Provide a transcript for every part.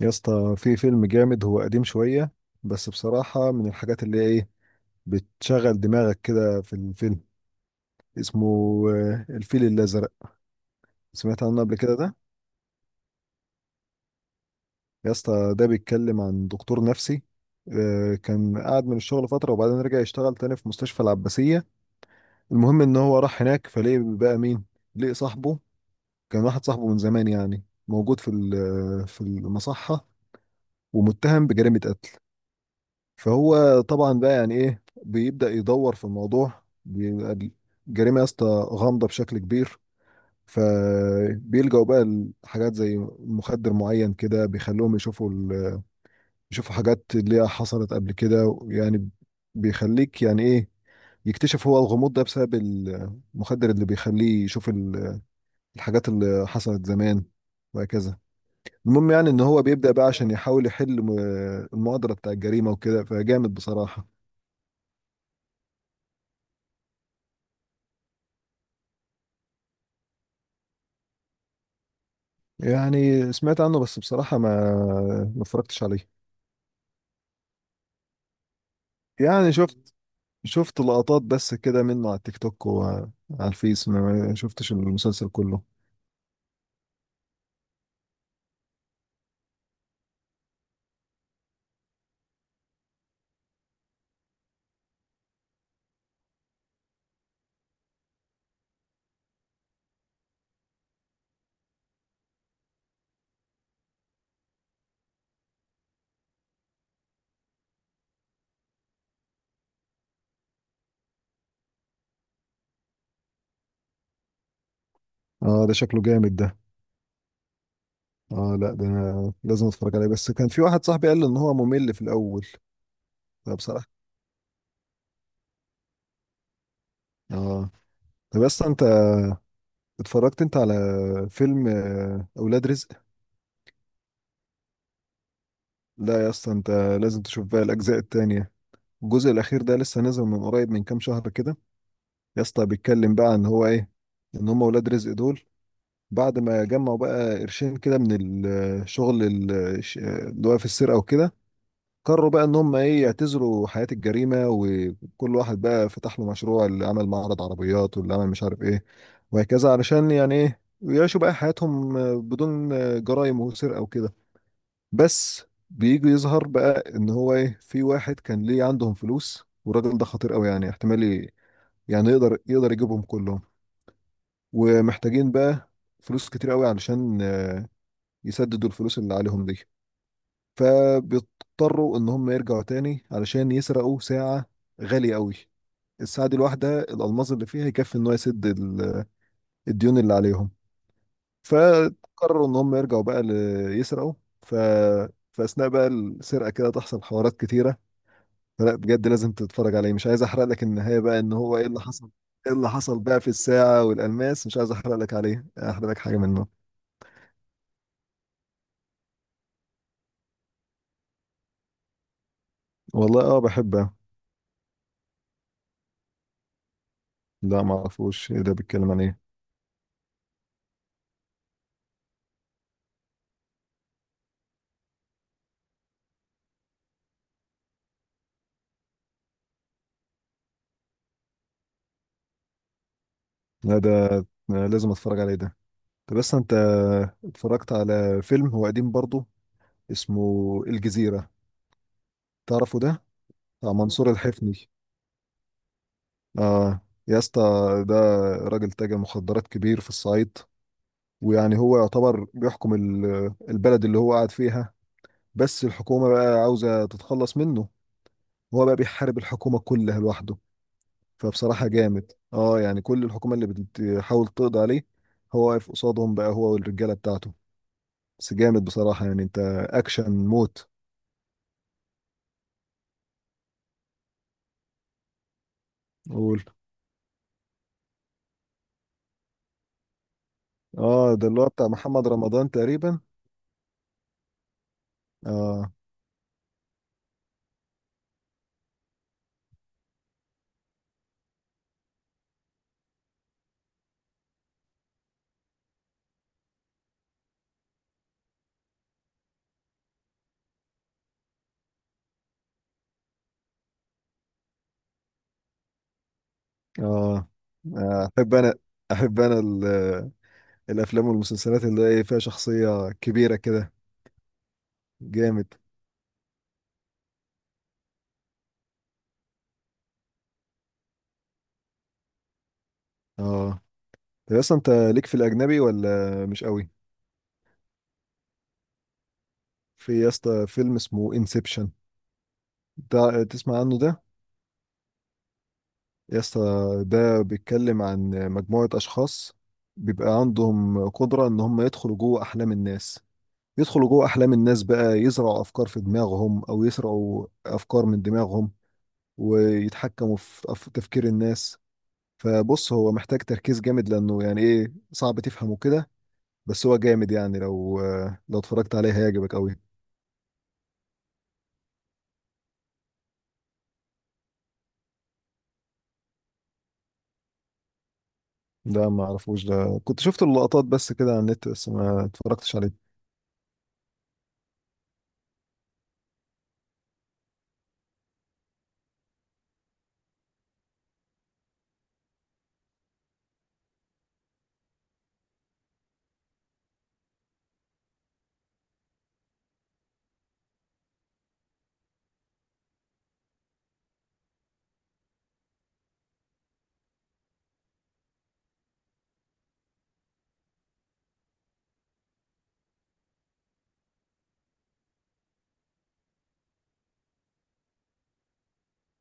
يا اسطى، في فيلم جامد، هو قديم شوية، بس بصراحة من الحاجات اللي هي ايه بتشغل دماغك كده في الفيلم. اسمه الفيل الأزرق. سمعت عنه قبل كده ده؟ يا اسطى، ده بيتكلم عن دكتور نفسي. كان قاعد من الشغل فترة وبعدين رجع يشتغل تاني في مستشفى العباسية. المهم ان هو راح هناك فلقي بقى مين؟ لقي صاحبه. كان واحد صاحبه من زمان، يعني موجود في ال- آه، في المصحة، ومتهم بجريمة. فهو طبعا بقى، يعني ايه، بيبدأ يدور في الموضوع، بيبقى الجريمة يا اسطى غامضة بشكل كبير. فبيلجأوا بقى لحاجات زي مخدر معين كده بيخلوهم يشوفوا حاجات اللي هي حصلت قبل كده يعني. بيخليك، يعني ايه، يكتشف هو الغموض ده بسبب المخدر اللي بيخليه يشوف الحاجات اللي حصلت زمان، وهكذا. المهم يعني ان هو بيبدأ بقى عشان يحاول يحل المؤامرة بتاع الجريمة وكده، فجامد بصراحة. يعني سمعت عنه بس بصراحة ما اتفرجتش عليه. يعني شفت لقطات بس كده منه على التيك توك وعلى الفيس، ما شفتش المسلسل كله. اه، ده شكله جامد ده. اه، لا ده أنا لازم اتفرج عليه، بس كان في واحد صاحبي قال لي ان هو ممل في الاول. فبصراحة، اه. طب يا اسطى انت، اتفرجت انت على فيلم اولاد رزق؟ لا يا اسطى، انت لازم تشوف بقى الاجزاء التانية. الجزء الاخير ده لسه نازل من قريب، من كام شهر كده. يا اسطى، بيتكلم بقى ان هو ايه، ان هم اولاد رزق دول بعد ما جمعوا بقى قرشين كده من الشغل اللي هو في السرقة وكده، قرروا بقى ان هم ايه يعتزلوا حياة الجريمة، وكل واحد بقى فتح له مشروع، اللي عمل معرض عربيات، واللي عمل مش عارف ايه، وهكذا، علشان يعني ايه يعيشوا بقى حياتهم بدون جرائم وسرقة وكده، بس بيجي يظهر بقى ان هو ايه، في واحد كان ليه عندهم فلوس، والراجل ده خطير قوي، يعني احتمال يعني يقدر يجيبهم كلهم. ومحتاجين بقى فلوس كتير قوي علشان يسددوا الفلوس اللي عليهم دي، فبيضطروا ان هم يرجعوا تاني علشان يسرقوا ساعة غالية قوي. الساعة دي، الواحدة، الألماس اللي فيها يكفي ان هو يسد الديون اللي عليهم. فقرروا ان هم يرجعوا بقى يسرقوا، ف فأثناء بقى السرقة كده تحصل حوارات كتيرة. فلا بجد لازم تتفرج عليه، مش عايز احرق لك النهاية بقى ان هو ايه اللي حصل. ايه اللي حصل بقى في الساعة والألماس، مش عايز احرق لك عليه، احرق لك حاجة منه. والله اه بحبه. لا ما اعرفوش، ايه ده بيتكلم عن ايه؟ لا ده أنا لازم اتفرج عليه ده. طب بس انت اتفرجت على فيلم، هو قديم برضه، اسمه الجزيرة، تعرفه ده؟ بتاع منصور الحفني. اه يا اسطى، ده راجل تاجر مخدرات كبير في الصعيد. ويعني هو يعتبر بيحكم البلد اللي هو قاعد فيها. بس الحكومة بقى عاوزة تتخلص منه. هو بقى بيحارب الحكومة كلها لوحده. فبصراحة جامد، اه، يعني كل الحكومة اللي بتحاول تقضي عليه، هو واقف قصادهم بقى، هو والرجالة بتاعته. بس جامد بصراحة يعني، انت اكشن موت. قول. اه، ده اللي هو بتاع محمد رمضان تقريبا. اه، اه، آه، احب انا احب انا الافلام والمسلسلات اللي هي فيها شخصية كبيرة كده، جامد، اه. طب يا اسطى، انت ليك في الاجنبي ولا مش قوي؟ في يا اسطى فيلم اسمه انسبشن، ده تسمع عنه ده؟ يا اسطى، ده بيتكلم عن مجموعة اشخاص بيبقى عندهم قدرة ان هم يدخلوا جوه احلام الناس. يدخلوا جوه احلام الناس بقى، يزرعوا افكار في دماغهم او يسرقوا افكار من دماغهم، ويتحكموا في تفكير الناس. فبص، هو محتاج تركيز جامد، لانه يعني ايه صعب تفهمه كده، بس هو جامد، يعني لو اتفرجت عليه هيعجبك قوي. ده ما اعرفوش ده، كنت شفت اللقطات بس كده على النت، بس ما اتفرجتش عليه.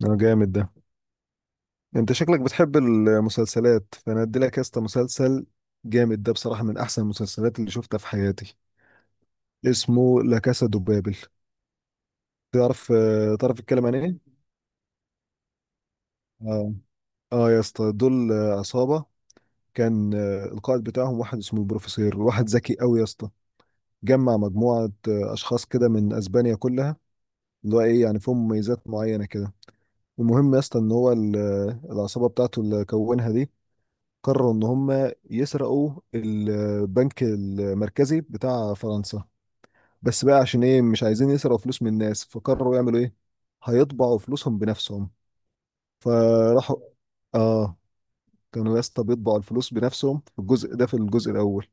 ده جامد ده. انت شكلك بتحب المسلسلات، فانا ادي لك يا اسطى مسلسل جامد، ده بصراحة من احسن المسلسلات اللي شفتها في حياتي، اسمه لا كاسا دوبابل. تعرف الكلام عن ايه؟ اه، اه، يا اسطى دول عصابة. كان القائد بتاعهم واحد اسمه البروفيسور، واحد ذكي قوي يا اسطى. جمع مجموعة أشخاص كده من أسبانيا كلها، اللي هو إيه يعني فيهم مميزات معينة كده. المهم يا اسطى إن هو العصابة بتاعته اللي كونها دي، قرروا إن هم يسرقوا البنك المركزي بتاع فرنسا. بس بقى عشان إيه مش عايزين يسرقوا فلوس من الناس، فقرروا يعملوا إيه؟ هيطبعوا فلوسهم بنفسهم. فراحوا، اه، كانوا يا اسطى بيطبعوا الفلوس بنفسهم في الجزء ده، في الجزء الاول.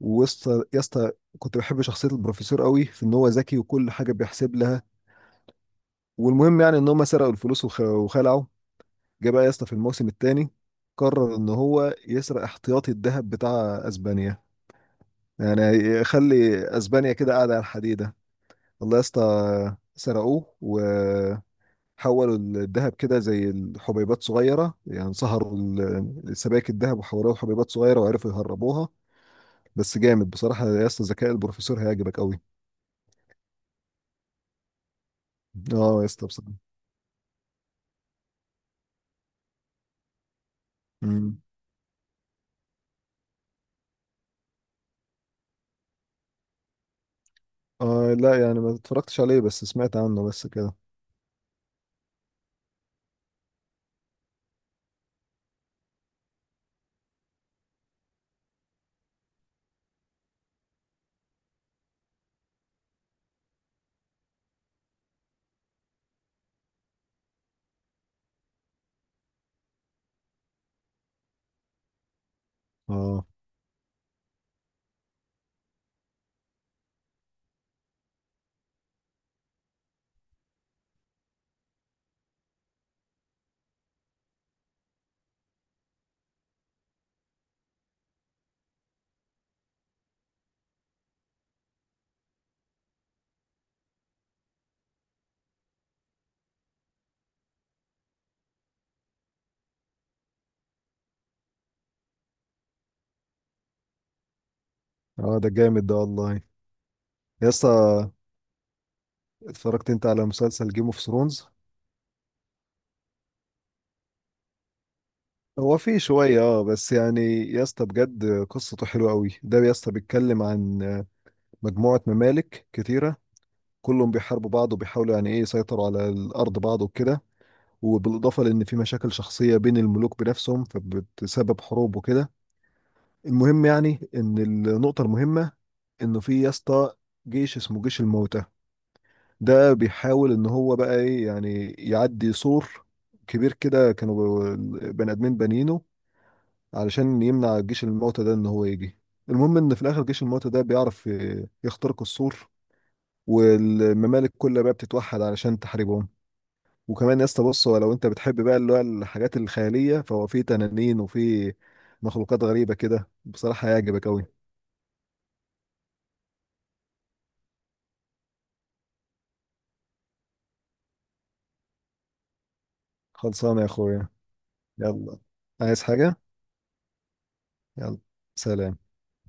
ويسطا يا اسطى، كنت بحب شخصيه البروفيسور قوي، في ان هو ذكي وكل حاجه بيحسب لها. والمهم يعني ان هم سرقوا الفلوس وخلعوا. جه بقى يا اسطى في الموسم الثاني، قرر ان هو يسرق احتياطي الذهب بتاع اسبانيا، يعني يخلي اسبانيا كده قاعده على الحديده. والله يا اسطى سرقوه، وحولوا الذهب كده زي الحبيبات صغيره، يعني سهروا سبائك الذهب وحولوها لحبيبات صغيره وعرفوا يهربوها. بس جامد بصراحة يا اسطى، ذكاء البروفيسور هيعجبك قوي. اه يا اسطى، بصراحة. امم اه، لا يعني ما اتفرجتش عليه، بس سمعت عنه بس كده. اه، اه، ده جامد ده والله. يا اسطى، اتفرجت انت على مسلسل جيم اوف ثرونز؟ هو فيه شوية، اه، بس يعني يا اسطى بجد قصته حلوة قوي، ده يا اسطى بيتكلم عن مجموعة ممالك كتيرة. كلهم بيحاربوا بعض وبيحاولوا يعني ايه يسيطروا على الأرض بعض وكده، وبالإضافة لأن في مشاكل شخصية بين الملوك بنفسهم فبتسبب حروب وكده. المهم يعني ان النقطة المهمة، انه في يا اسطى جيش اسمه جيش الموتى. ده بيحاول ان هو بقى ايه، يعني يعدي سور كبير كده، كانوا بني ادمين بانيينه، علشان يمنع جيش الموتى ده ان هو يجي. المهم ان في الاخر جيش الموتى ده بيعرف يخترق السور، والممالك كلها بقى بتتوحد علشان تحاربهم. وكمان يا اسطى، بص، هو لو انت بتحب بقى اللي هو الحاجات الخيالية، فهو في تنانين وفي مخلوقات غريبة كده، بصراحة هيعجبك أوي. خلصانة يا أخويا. يلا. عايز حاجة؟ يلا، سلام.